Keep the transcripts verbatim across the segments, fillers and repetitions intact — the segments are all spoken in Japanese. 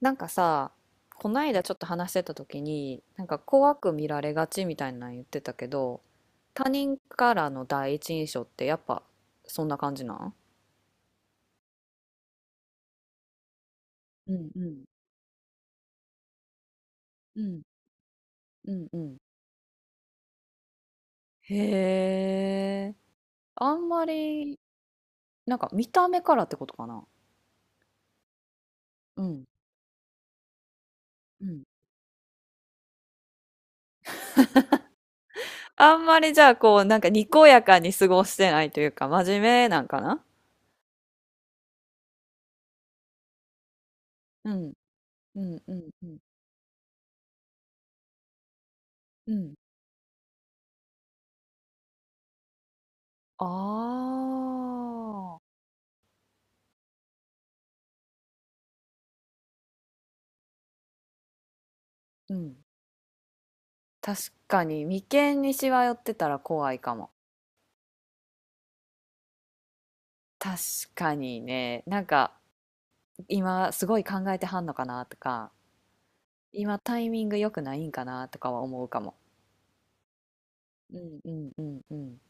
なんかさ、こないだちょっと話してた時に、なんか怖く見られがちみたいなの言ってたけど、他人からの第一印象ってやっぱそんな感じなん？うんうんうんうんうん。へえ、あんまり、なんか見た目からってことかな。うんうん。あんまりじゃあこう、なんかにこやかに過ごしてないというか、真面目なんかな？うんうんうんうんうん、ああー、うん。確かに眉間にしわ寄ってたら怖いかも。確かにね、なんか今すごい考えてはんのかなとか、今タイミング良くないんかなとかは思うかも。うんうんうんうん。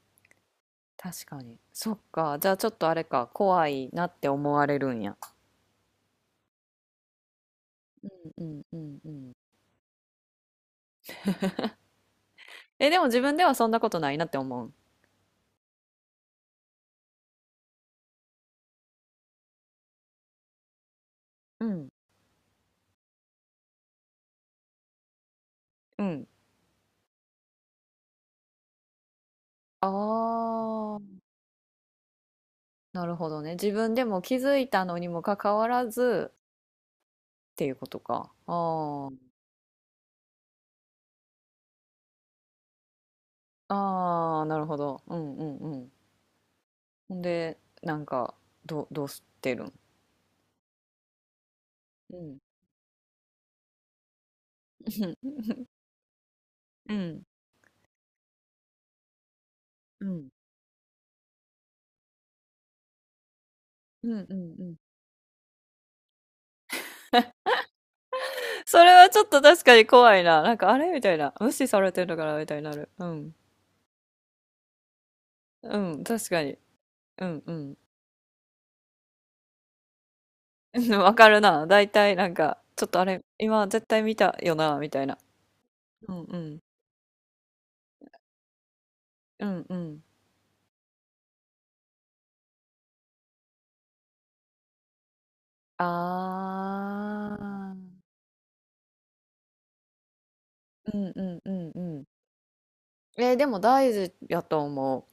確かに。そっか。じゃあちょっとあれか、怖いなって思われるんや。うんうんうんうん。え、でも自分ではそんなことないなって思う。うん。うん。ああ、なるほどね。自分でも気づいたのにもかかわらずっていうことか。ああ。ああ、なるほど。うんうんうん。ほんで、なんか、ど、う、どうしてるん？うん。うん。うん。うんうんうん。それはちょっと確かに怖いな。なんか、あれみたいな。無視されてるのかなみたいになる。うん。うん、確かに。うんうん。うんわかるな。だいたいなんか、ちょっとあれ、今絶対見たよな、みたいな。うんうん。うんうん。ああ。うんうんうんうん。えーでも大事やと思う。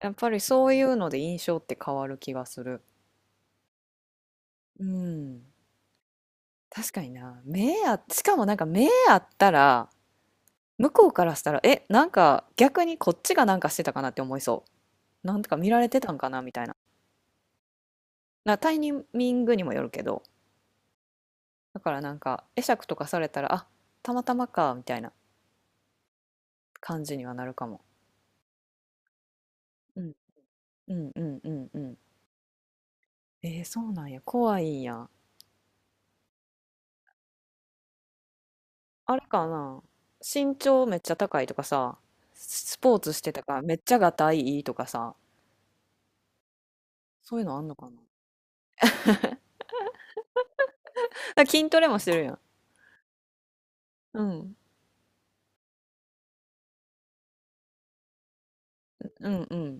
やっぱりそういうので印象って変わる気がする。うん。確かにな。目あ、しかもなんか目あったら、向こうからしたら、え、なんか逆にこっちがなんかしてたかなって思いそう。なんとか見られてたんかなみたいな。な、タイミングにもよるけど、だからなんか会釈とかされたら、あ、たまたまか、みたいな感じにはなるかも。うん、うん、うん、うん、うん。えー、そうなんや。怖いんや。あれかな、身長めっちゃ高いとかさ、スポーツしてたからめっちゃがたいいいとかさ、そういうのあんのかな。あ、筋トレもしてるやん。うん。うんうん。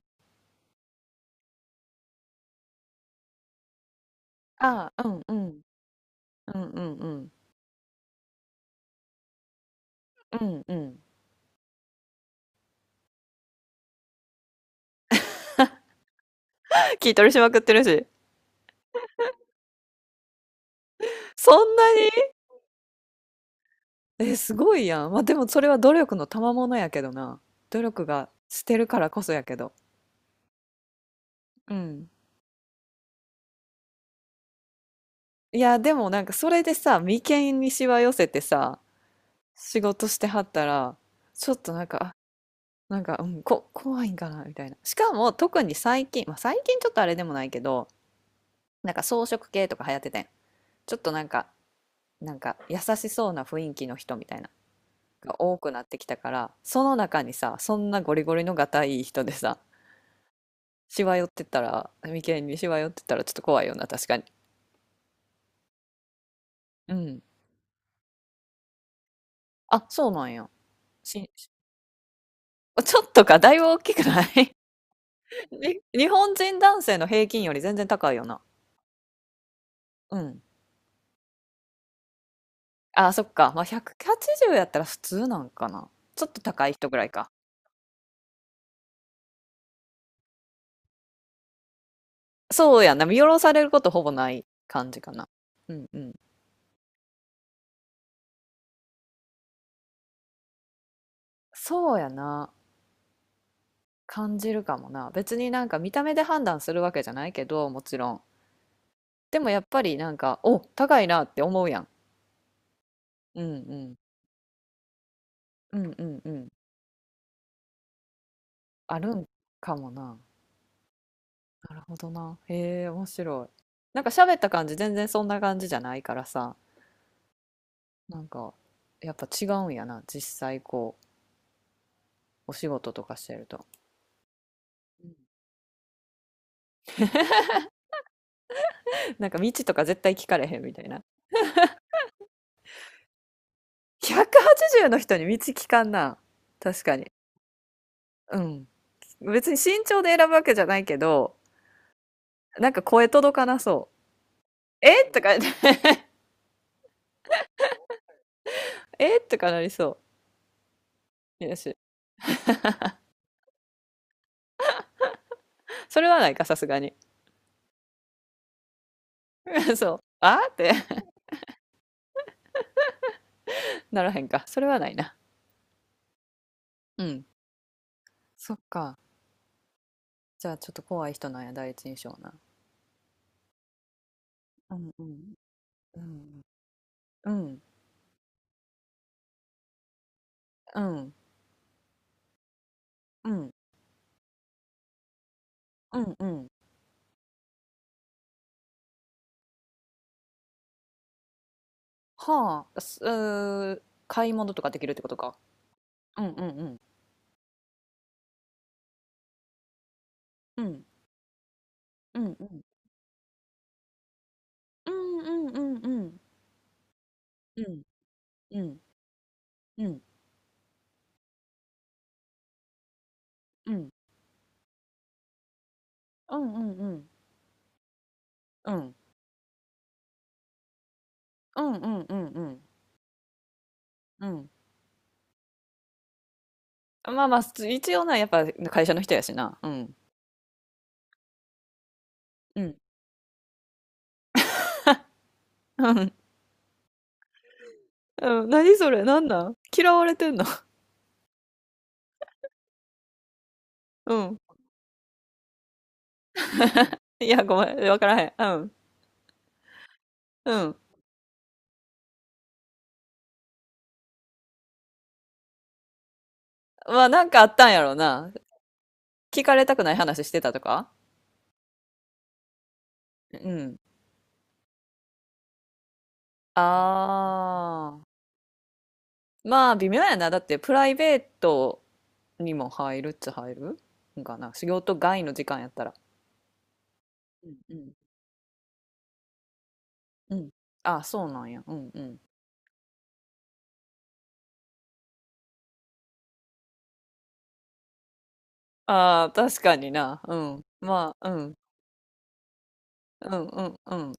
ああ、うんうん。うんうんうん。うんうん。筋トレしまくってるし。そんなに。え、すごいやん。まあでもそれは努力の賜物やけどな。努力がしてるからこそやけど。うん。いや、でもなんかそれでさ、眉間にしわ寄せてさ、仕事してはったら、ちょっとなんか、なんか、うん、こ、怖いんかなみたいな。しかも、特に最近、まあ、最近ちょっとあれでもないけど、なんか装飾系とか流行っててん。ちょっとなんか、なんか優しそうな雰囲気の人みたいな、が多くなってきたから、その中にさ、そんなゴリゴリのがたいい人でさ、しわ寄ってったら、眉間にしわ寄ってったらちょっと怖いよな、確かに。うん。あ、そうなんや。し、しちょっとか、だいぶ大きくない？ に日本人男性の平均より全然高いよな。うん。あ、そっか。まあ、ひゃくはちじゅうやったら普通なんかな。ちょっと高い人ぐらいか。そうやな。見下ろされることほぼない感じかな。うんうん。そうやな。感じるかもな。別になんか見た目で判断するわけじゃないけど、もちろん。でもやっぱりなんか、お、高いなって思うやん。うんうん。うんうんうん。あるんかもな。なるほどな。へえ、面白い。なんか喋った感じ全然そんな感じじゃないからさ。なんか、やっぱ違うんやな。実際こう、お仕事とかしてると。うん。なんか道とか絶対聞かれへんみたいな。ひゃくはちじゅうの人に道聞かんな。確かに。うん。別に身長で選ぶわけじゃないけど、なんか声届かなそう。えとか、えとかなりそう。よし。それはないか、さすがに。そう。あーって ならへんか。それはないな。うん。そっか。じゃあちょっと怖い人なんや、第一印象な。うんうん。うん。うん。うん。うん。うん。うん。はあ、すうー、買い物とかできるってことか。うんうんうん。うん。うんうん。うんうんうんうん。うんうんうん。うん。うんうんうん。うん。うんうんうんうん。うん。まあまあ、す一応な、やっぱ会社の人やしな。うん。うん。うんうん。何それ、なんなん、嫌われてんの？ うん。いや、ごめん、わからへん。うん。うん。まあ、なんかあったんやろうな。聞かれたくない話してたとか？うん。ああ。まあ、微妙やな。だって、プライベートにも入るっちゃ入るんかな、仕事外の時間やったら。うんうん。うん。あそうなんや。うんうん。ああ、確かにな。うん。まあ、うん。うんうん。うん、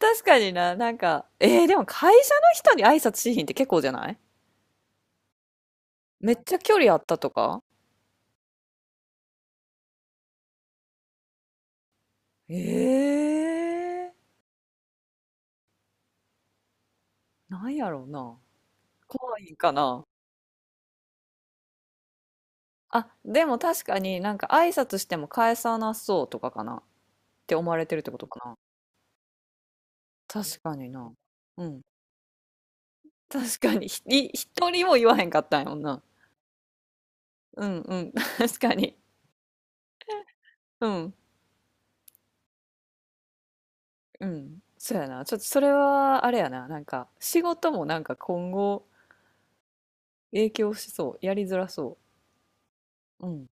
確かにな。なんか、えー、でも会社の人に挨拶しひんって結構じゃない？めっちゃ距離あったとか？ええー、なんやろうな、怖いんかな？あでも確かになんか挨拶しても返さなそうとかかなって思われてるってことかな？確かにな。うん。確かに、ひ、い一人も言わへんかったんやもんな。うんうん、確かに。うん、うん。そうやな。ちょっとそれは、あれやな。なんか、仕事もなんか今後影響しそう。やりづらそう。うん。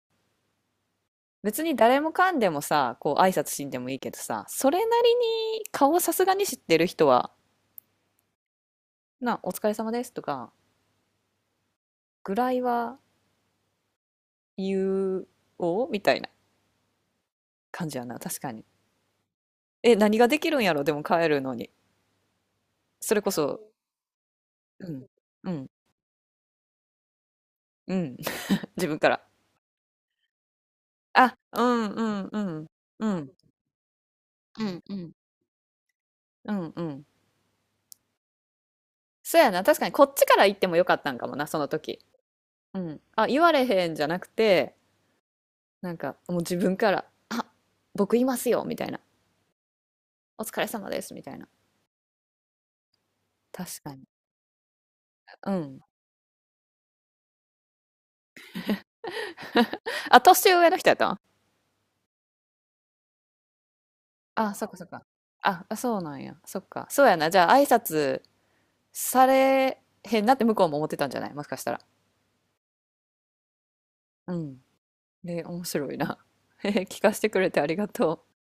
別に誰もかんでもさ、こう挨拶しんでもいいけどさ、それなりに顔さすがに知ってる人は、な、お疲れ様ですとか、ぐらいは言おうみたいな感じやな。確かに。え、何ができるんやろ、でも帰るのに。それこそ、うん、うん、うん。自分から。あ、うんうんうん。うん。うんうん。うんうん。そうやな、確かにこっちから言ってもよかったんかもな、その時。うん。あ、言われへんじゃなくて、なんかもう自分から、あ、僕いますよ、みたいな。お疲れ様です、みたいな。確かに。うん。あ、年上の人やったん？あ、そっかそっか。あ、あそうなんや。そっか。そうやな。じゃあ挨拶されへんなって向こうも思ってたんじゃない、もしかしたら。うん。で、面白いな。え、聞かせてくれてありがとう。